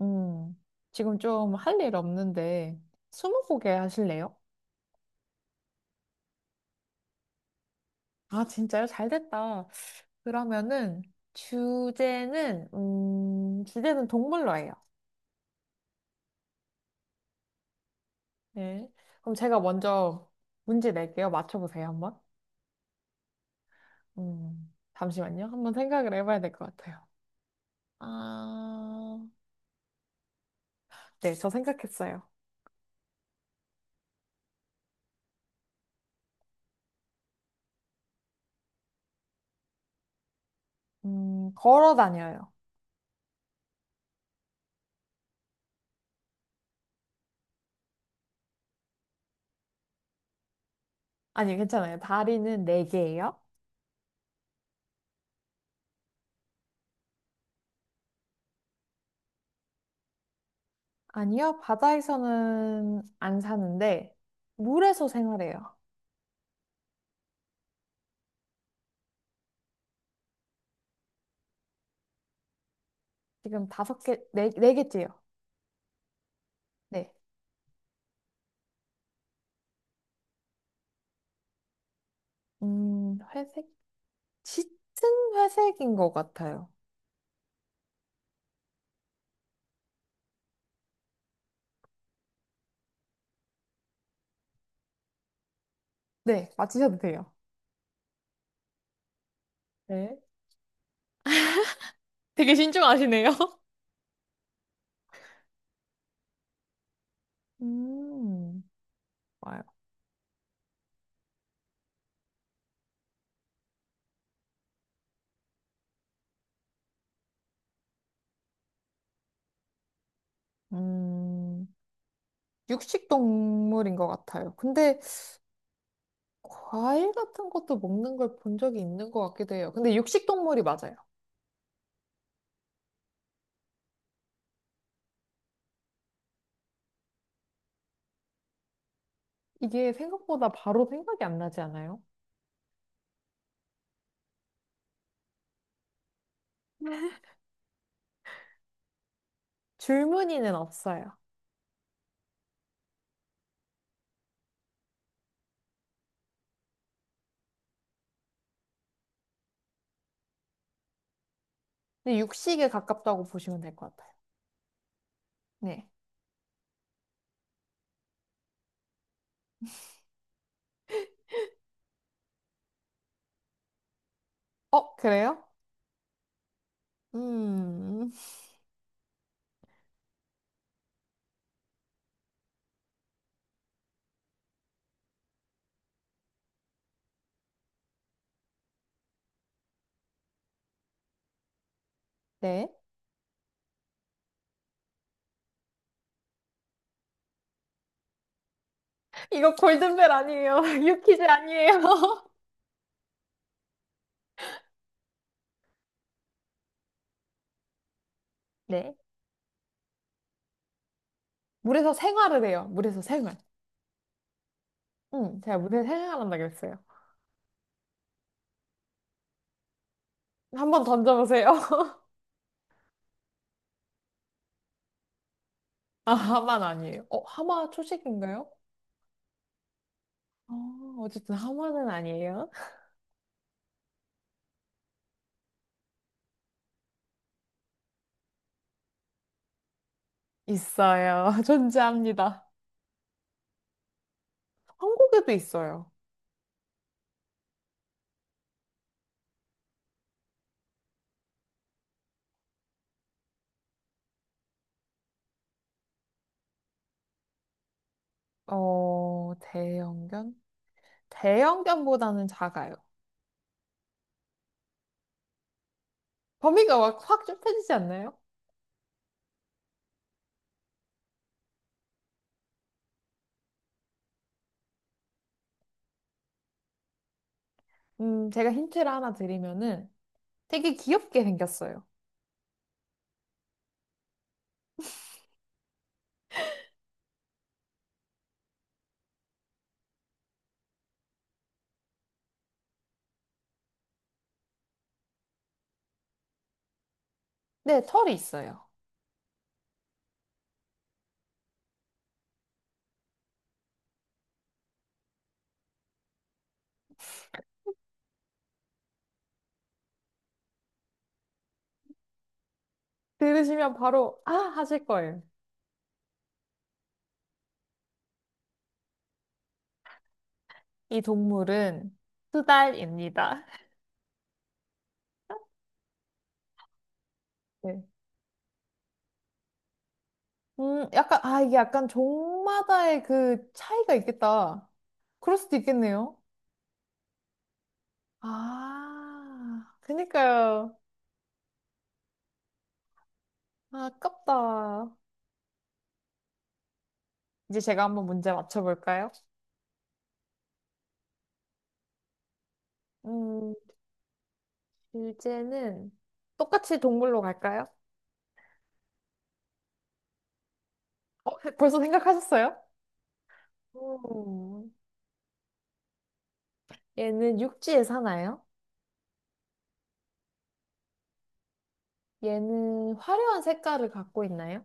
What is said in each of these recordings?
음, 지금 좀 할 일 없는데, 스무고개 하실래요? 아, 진짜요? 잘 됐다. 그러면은, 주제는 동물로 해요. 네. 그럼 제가 먼저 문제 낼게요. 맞춰보세요, 한번. 잠시만요. 한번 생각을 해봐야 될 것 같아요. 아, 네, 저 생각했어요. 걸어 다녀요. 아니, 괜찮아요. 다리는 네 개예요. 아니요, 바다에서는 안 사는데, 물에서 생활해요. 지금 다섯 개, 네, 네 개째요. 네. 회색? 짙은 회색인 것 같아요. 네, 맞히셔도 돼요. 네. 되게 신중하시네요. 음, 좋아요. 음, 육식 동물인 것 같아요. 근데 과일 같은 것도 먹는 걸 본 적이 있는 것 같기도 해요. 근데 육식 동물이 맞아요. 이게 생각보다 바로 생각이 안 나지 않아요? 줄무늬는 없어요. 근데 육식에 가깝다고 보시면 될 것 같아요. 네. 어, 그래요? 음, 네. 이거 골든벨 아니에요. 유퀴즈 아니에요. 네. 물에서 생활을 해요. 물에서 생활. 제가 물에서 생활한다 그랬어요. 한번 던져보세요. 아, 하마는 아니에요. 어, 하마 초식인가요? 어, 어쨌든 하마는 아니에요. 있어요. 존재합니다. 한국에도 있어요. 어, 대형견? 대형견보다는 작아요. 범위가 확, 확 좁혀지지 않나요? 제가 힌트를 하나 드리면은 되게 귀엽게 생겼어요. 네, 털이 있어요. 들으시면 바로 아 하실 거예요. 이 동물은 수달입니다. 네. 약간 아 이게 약간 종마다의 그 차이가 있겠다. 그럴 수도 있겠네요. 아, 그니까요. 아, 아깝다. 이제 제가 한번 문제 맞춰볼까요? 음, 주제는 똑같이 동물로 갈까요? 어, 벌써 생각하셨어요? 음. 얘는 육지에 사나요? 얘는 화려한 색깔을 갖고 있나요?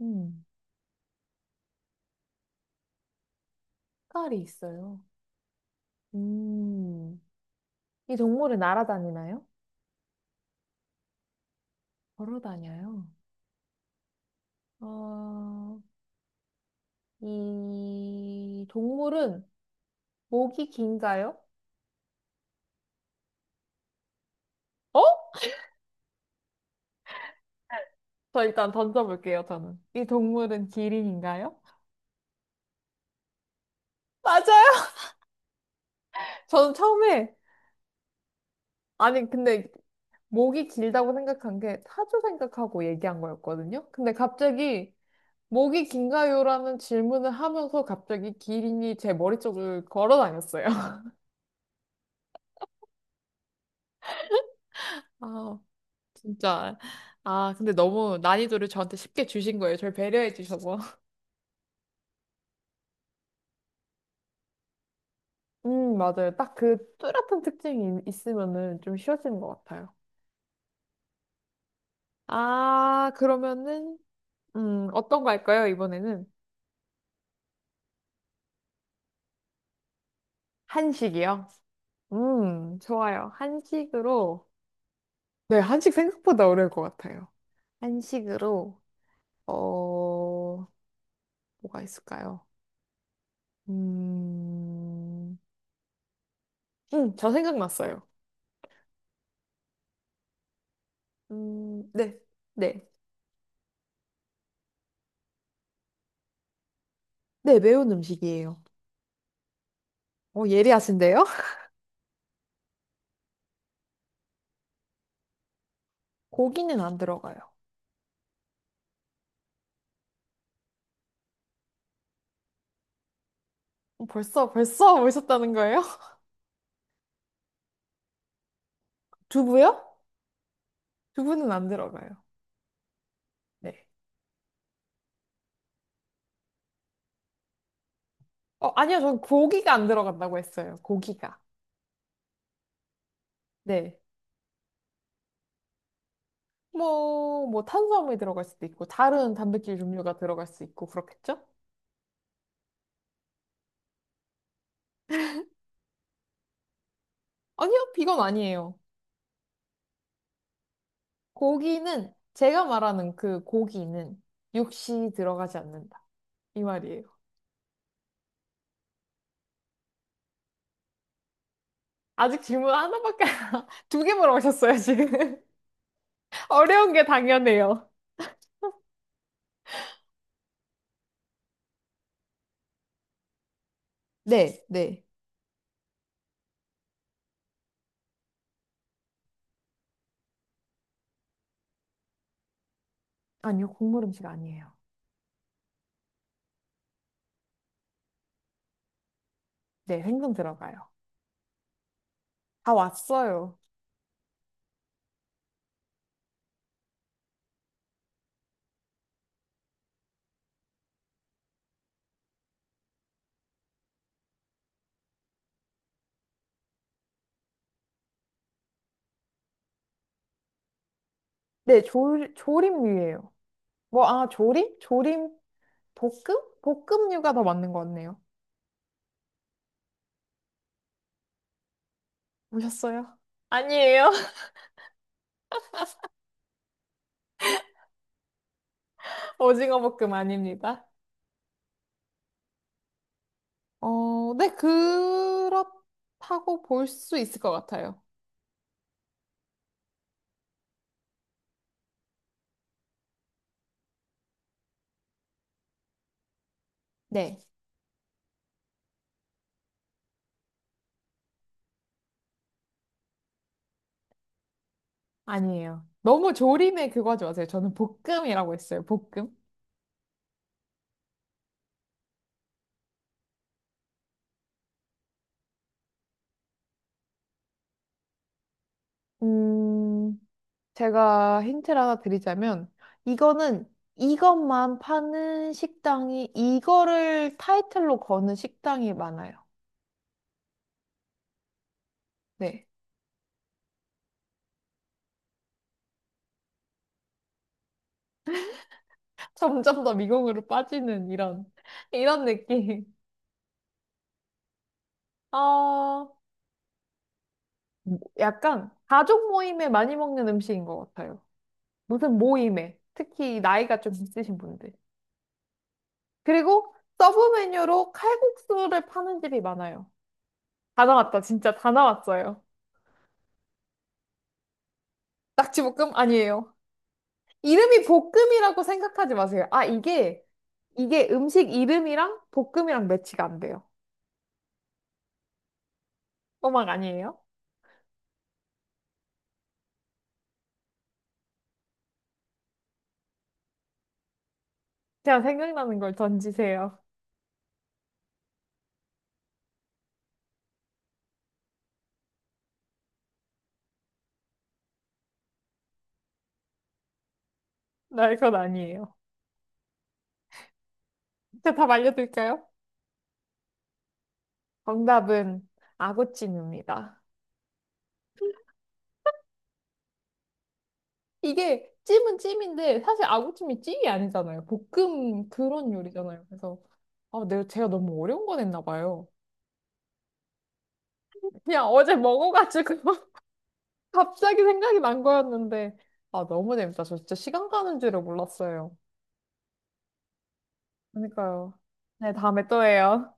음, 색깔이 있어요. 음, 이 동물은 날아다니나요? 걸어 다녀요. 어, 이 동물은 목이 긴가요? 어? 저 일단 던져볼게요, 저는. 이 동물은 기린인가요? 맞아요! 저는 처음에, 아니, 근데 목이 길다고 생각한 게 타조 생각하고 얘기한 거였거든요? 근데 갑자기 목이 긴가요라는 질문을 하면서 갑자기 기린이 제 머리 쪽을 걸어 다녔어요. 아, 진짜. 아, 근데 너무 난이도를 저한테 쉽게 주신 거예요. 저를 배려해 주셔서. 맞아요. 딱 그 뚜렷한 특징이 있으면은 좀 쉬워지는 것 같아요. 아, 그러면은, 어떤 거 할까요, 이번에는? 한식이요? 좋아요. 한식으로. 네, 한식 생각보다 어려울 것 같아요. 한식으로, 어, 뭐가 있을까요? 음, 저 생각났어요. 네, 네. 네, 매운 음식이에요. 어, 예리하신데요? 고기는 안 들어가요. 어, 벌써 오셨다는 거예요? 두부요? 두부는 안 들어가요. 네. 어, 아니요, 전 고기가 안 들어간다고 했어요. 고기가. 네. 뭐, 탄수화물이 들어갈 수도 있고, 다른 단백질 종류가 들어갈 수 있고, 그렇겠죠? 아니요, 비건 아니에요. 고기는, 제가 말하는 그 고기는 육시 들어가지 않는다. 이 말이에요. 아직 질문 하나밖에 두 개 물어보셨어요, 지금. 어려운 게 당연해요. 네, 네. 아니요, 국물 음식 아니에요. 네, 생선 들어가요. 다 왔어요. 네, 조림류예요. 뭐, 아, 조림? 조림? 볶음? 볶음류가 더 맞는 것 같네요. 오셨어요? 아니에요. 오징어 볶음 아닙니다. 어, 네, 그렇다고 볼 수 있을 것 같아요. 네. 아니에요. 너무 조림에 그거 하지 마세요. 저는 볶음이라고 했어요. 볶음. 음, 제가 힌트를 하나 드리자면, 이거는 이것만 파는 식당이, 이거를 타이틀로 거는 식당이 많아요. 네. 점점 더 미궁으로 빠지는 이런, 이런 느낌. 어, 약간 가족 모임에 많이 먹는 음식인 것 같아요. 무슨 모임에, 특히 나이가 좀 있으신 분들. 그리고 서브 메뉴로 칼국수를 파는 집이 많아요. 다 나왔다, 진짜 다 나왔어요. 낙지볶음 아니에요. 이름이 볶음이라고 생각하지 마세요. 이게, 이게 음식 이름이랑 볶음이랑 매치가 안 돼요. 어막 아니에요? 제가 생각나는 걸 던지세요. 나 이건 아니에요. 제가 답 알려드릴까요? 정답은 아구찜입니다. 이게 찜은 찜인데 사실 아구찜이 찜이 아니잖아요. 볶음 그런 요리잖아요. 그래서 아, 내가 제가 너무 어려운 거 냈나 봐요. 그냥 어제 먹어가지고 갑자기 생각이 난 거였는데 아, 너무 재밌다. 저 진짜 시간 가는 줄을 몰랐어요. 그러니까요. 네, 다음에 또 해요.